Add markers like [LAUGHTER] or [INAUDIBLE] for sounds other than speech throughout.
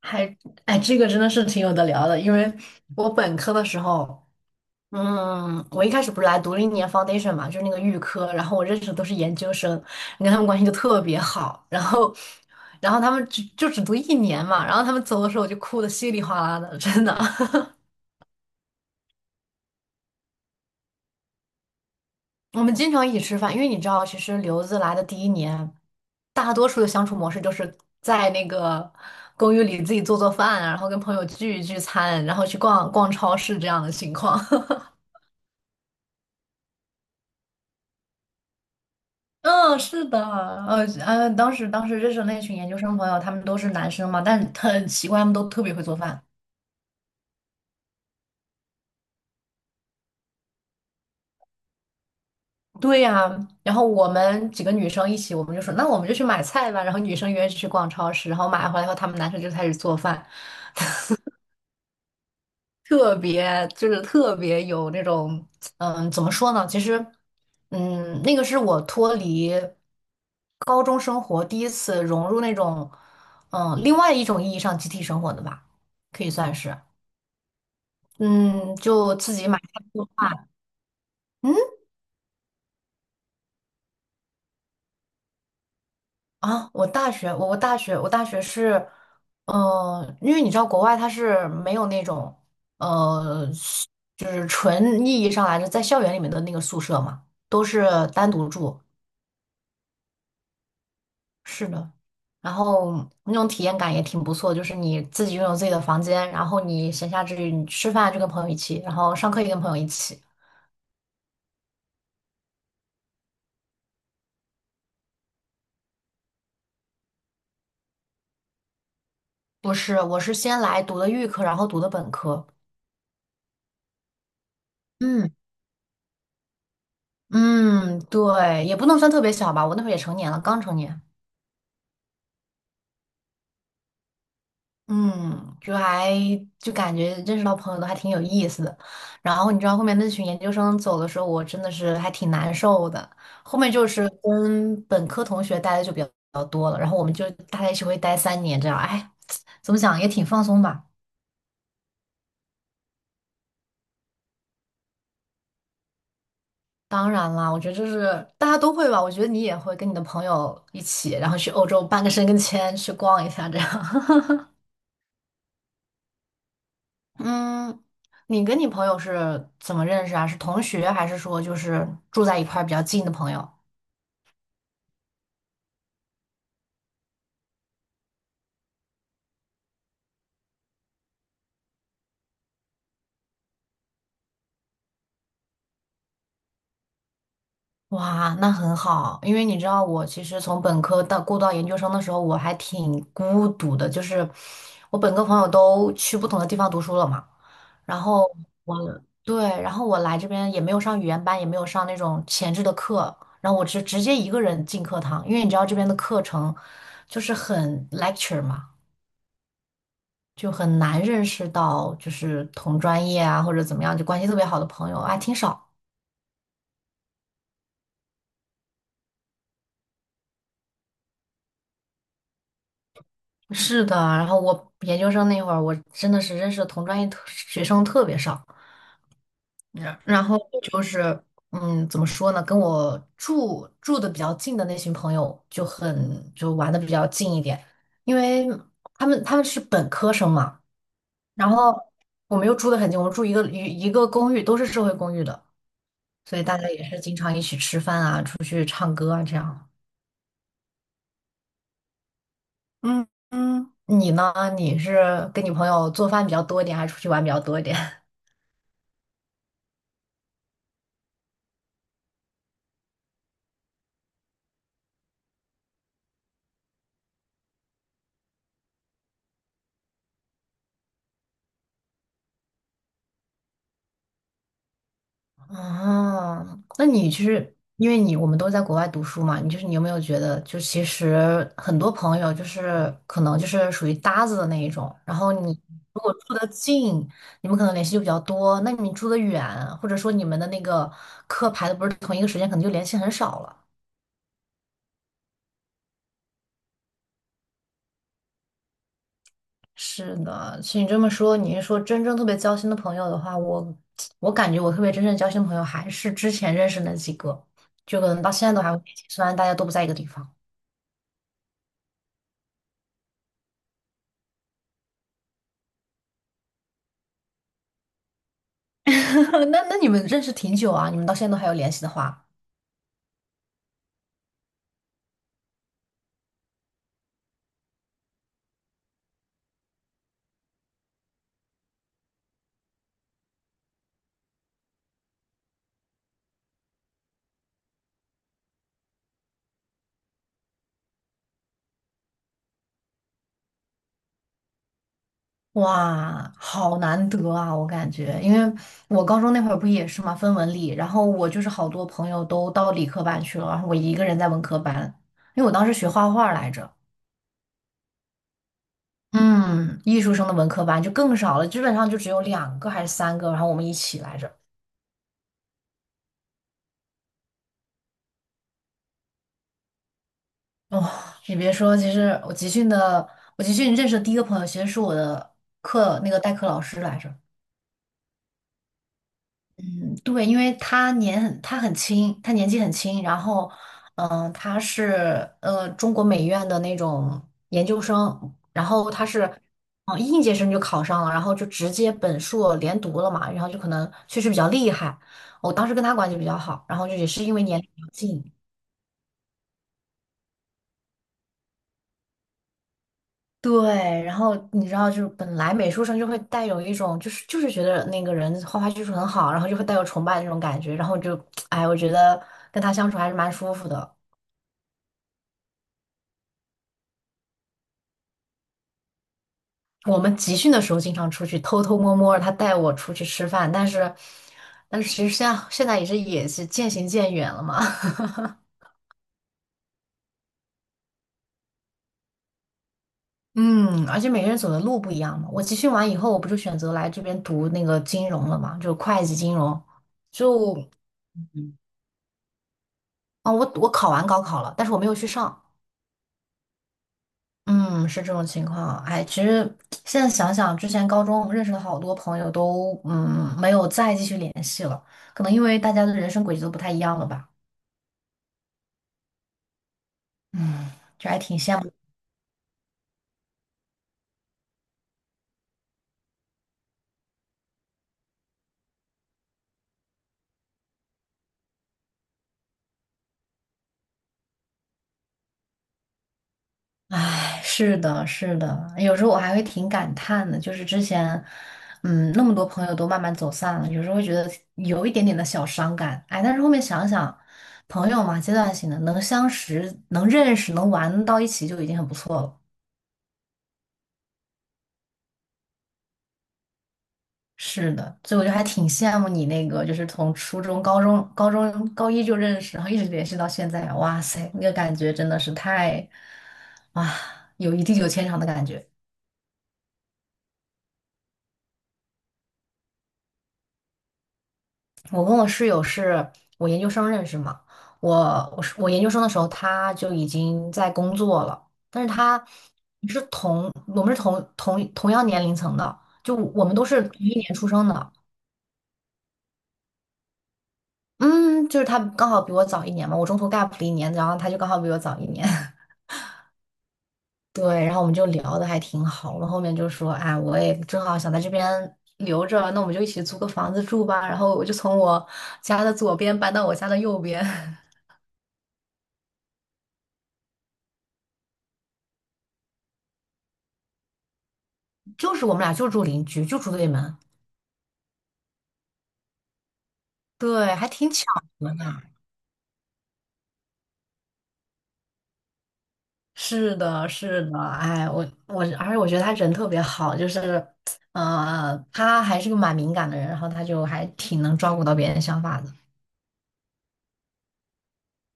还，哎，这个真的是挺有的聊的，因为我本科的时候，我一开始不是来读了一年 foundation 嘛，就是那个预科，然后我认识的都是研究生，你看他们关系就特别好，然后他们就只读一年嘛，然后他们走的时候我就哭的稀里哗啦的，真的。[LAUGHS] 我们经常一起吃饭，因为你知道，其实留子来的第一年，大多数的相处模式就是在那个公寓里自己做做饭啊然后跟朋友聚一聚餐，然后去逛逛超市这样的情况。[LAUGHS] 嗯，是的，当时认识的那群研究生朋友，他们都是男生嘛，但很奇怪，他们都特别会做饭。对呀，然后我们几个女生一起，我们就说，那我们就去买菜吧。然后女生约去逛超市，然后买回来后，他们男生就开始做饭，特别有那种，怎么说呢？其实，那个是我脱离高中生活第一次融入那种，另外一种意义上集体生活的吧，可以算是。嗯，就自己买菜做饭嗯我大学是，因为你知道国外它是没有那种，呃，是就是纯意义上来的在校园里面的那个宿舍嘛，都是单独住。是的，然后那种体验感也挺不错，就是你自己拥有自己的房间，然后你闲暇之余你吃饭就跟朋友一起，然后上课也跟朋友一起。不是，我是先来读的预科，然后读的本科。嗯。嗯，对，也不能算特别小吧，我那会儿也成年了，刚成年。嗯，就感觉认识到朋友都还挺有意思的。然后你知道后面那群研究生走的时候，我真的是还挺难受的。后面就是跟本科同学待的就比较多了，然后我们就大家一起会待3年这样。哎，怎么讲也挺放松吧。当然啦，我觉得就是大家都会吧。我觉得你也会跟你的朋友一起，然后去欧洲办个申根签，去逛一下这样。[LAUGHS] 嗯，你跟你朋友是怎么认识啊？是同学，还是说就是住在一块儿比较近的朋友？哇，那很好，因为你知道我其实从本科到过渡到研究生的时候，我还挺孤独的，就是我本科朋友都去不同的地方读书了嘛，然后我对，然后我来这边也没有上语言班，也没有上那种前置的课，然后我直接一个人进课堂，因为你知道这边的课程就是很 lecture 嘛。就很难认识到，就是同专业啊或者怎么样，就关系特别好的朋友啊，挺少。是的，然后我研究生那会儿，我真的是认识的同专业学生特别少。然后就是，怎么说呢？跟我住的比较近的那群朋友就很就玩的比较近一点，因为他们是本科生嘛，然后我们又住的很近，我们住一个公寓，都是社会公寓的，所以大家也是经常一起吃饭啊，出去。这样。嗯嗯，你呢？你是跟你朋友做饭比较多一点，还是出去玩比较多一点？[LAUGHS] 哦，那你就是因为你我们都在国外读书嘛，你就是你有没有觉得，就其实很多朋友就是可能就是属于搭子的那一种，然后你如果住的近，你们可能联系就比较多；那你住的远，或者说你们的那个课排的不是同一个时间，可能就联系很少了。是的，其实你这么说，你是说真正特别交心的朋友的话，我感觉我特别真正交心的朋友还是之前认识那几个，就可能到现在都还会联系，虽然大家都不在一个地方。[LAUGHS] 那你们认识挺久啊？你们到现在都还有联系的话，哇，好难得啊！我感觉，因为我高中那会儿不也是嘛，分文理，然后我就是好多朋友都到理科班去了，然后我一个人在文科班，因为我当时学画画来着。嗯，艺术生的文科班就更少了，基本上就只有2个还是3个，然后我们一起来着。哦，你别说，其实我集训的，我集训认识的第一个朋友，其实是我的课那个代课老师来着。嗯，对，因为他年纪很轻，然后，他是中国美院的那种研究生，然后他是，应届生就考上了，然后就直接本硕连读了嘛，然后就可能确实比较厉害。我当时跟他关系比较好，然后就也是因为年龄比较近，对，然后你知道，就是本来美术生就会带有一种，就是觉得那个人画画技术很好，然后就会带有崇拜的那种感觉，然后就，[TSK] 哎，我觉得跟他相处还是蛮舒服的。我们集训的时候经常出去偷偷摸摸，他带我出去吃饭，但是，但是其实现在也是渐行渐远了嘛。[LAUGHS] 嗯，而且每个人走的路不一样嘛。我集训完以后，我不就选择来这边读那个金融了嘛，就会计金融。就啊，我考完高考了，但是我没有去上。嗯，是这种情况。哎，其实现在想想，之前高中认识的好多朋友都没有再继续联系了，可能因为大家的人生轨迹都不太一样了吧。嗯，就还挺羡慕的。哎，是的，是的，有时候我还会挺感叹的，就是之前，那么多朋友都慢慢走散了，有时候会觉得有一点点的小伤感。哎，但是后面想想，朋友嘛，阶段性的，能相识、能认识、能玩到一起就已经很不错了。是的，所以我就还挺羡慕你那个，就是从初中、高中高一就认识，然后一直联系到现在。哇塞，那个感觉真的是太，哇，有一地久天长的感觉。我跟我室友是我研究生认识嘛，我是我研究生的时候他就已经在工作了，但是他是我们是同样年龄层的，就我们都是同一年出生的，嗯，就是他刚好比我早一年嘛，我中途 gap 了一年，然后他就刚好比我早一年，[LAUGHS] 对，然后我们就聊的还挺好，我们后面就说，哎，我也正好想在这边留着，那我们就一起租个房子住吧，然后我就从我家的左边搬到我家的右边。[LAUGHS] 就是我们俩就住邻居，就住对门，对，还挺巧合的。是的，是的，哎，而且我觉得他人特别好，就是，他还是个蛮敏感的人，然后他就还挺能照顾到别人想法的。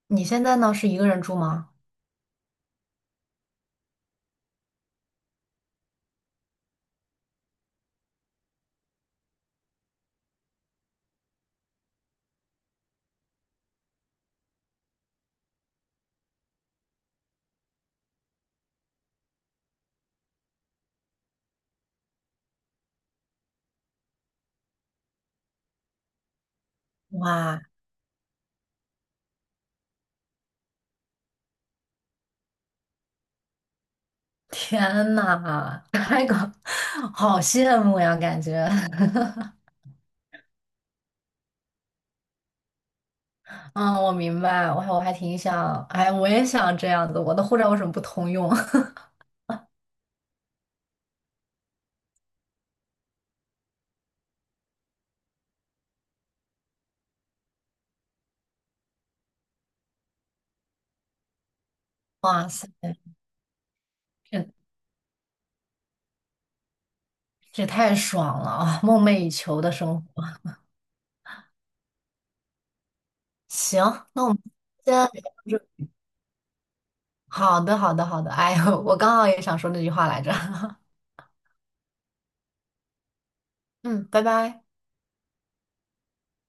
你现在呢，是一个人住吗？哇，天呐，那个 [LAUGHS] 好羡慕呀，感觉。[LAUGHS] 嗯，我明白，我还挺想，哎，我也想这样子，我的护照为什么不通用？[LAUGHS] 哇塞，这也太爽了啊！梦寐以求的生活。行，那我们先聊到这。好的，好的，好的。哎，呦，我刚好也想说那句话来着。[LAUGHS] 嗯，拜拜。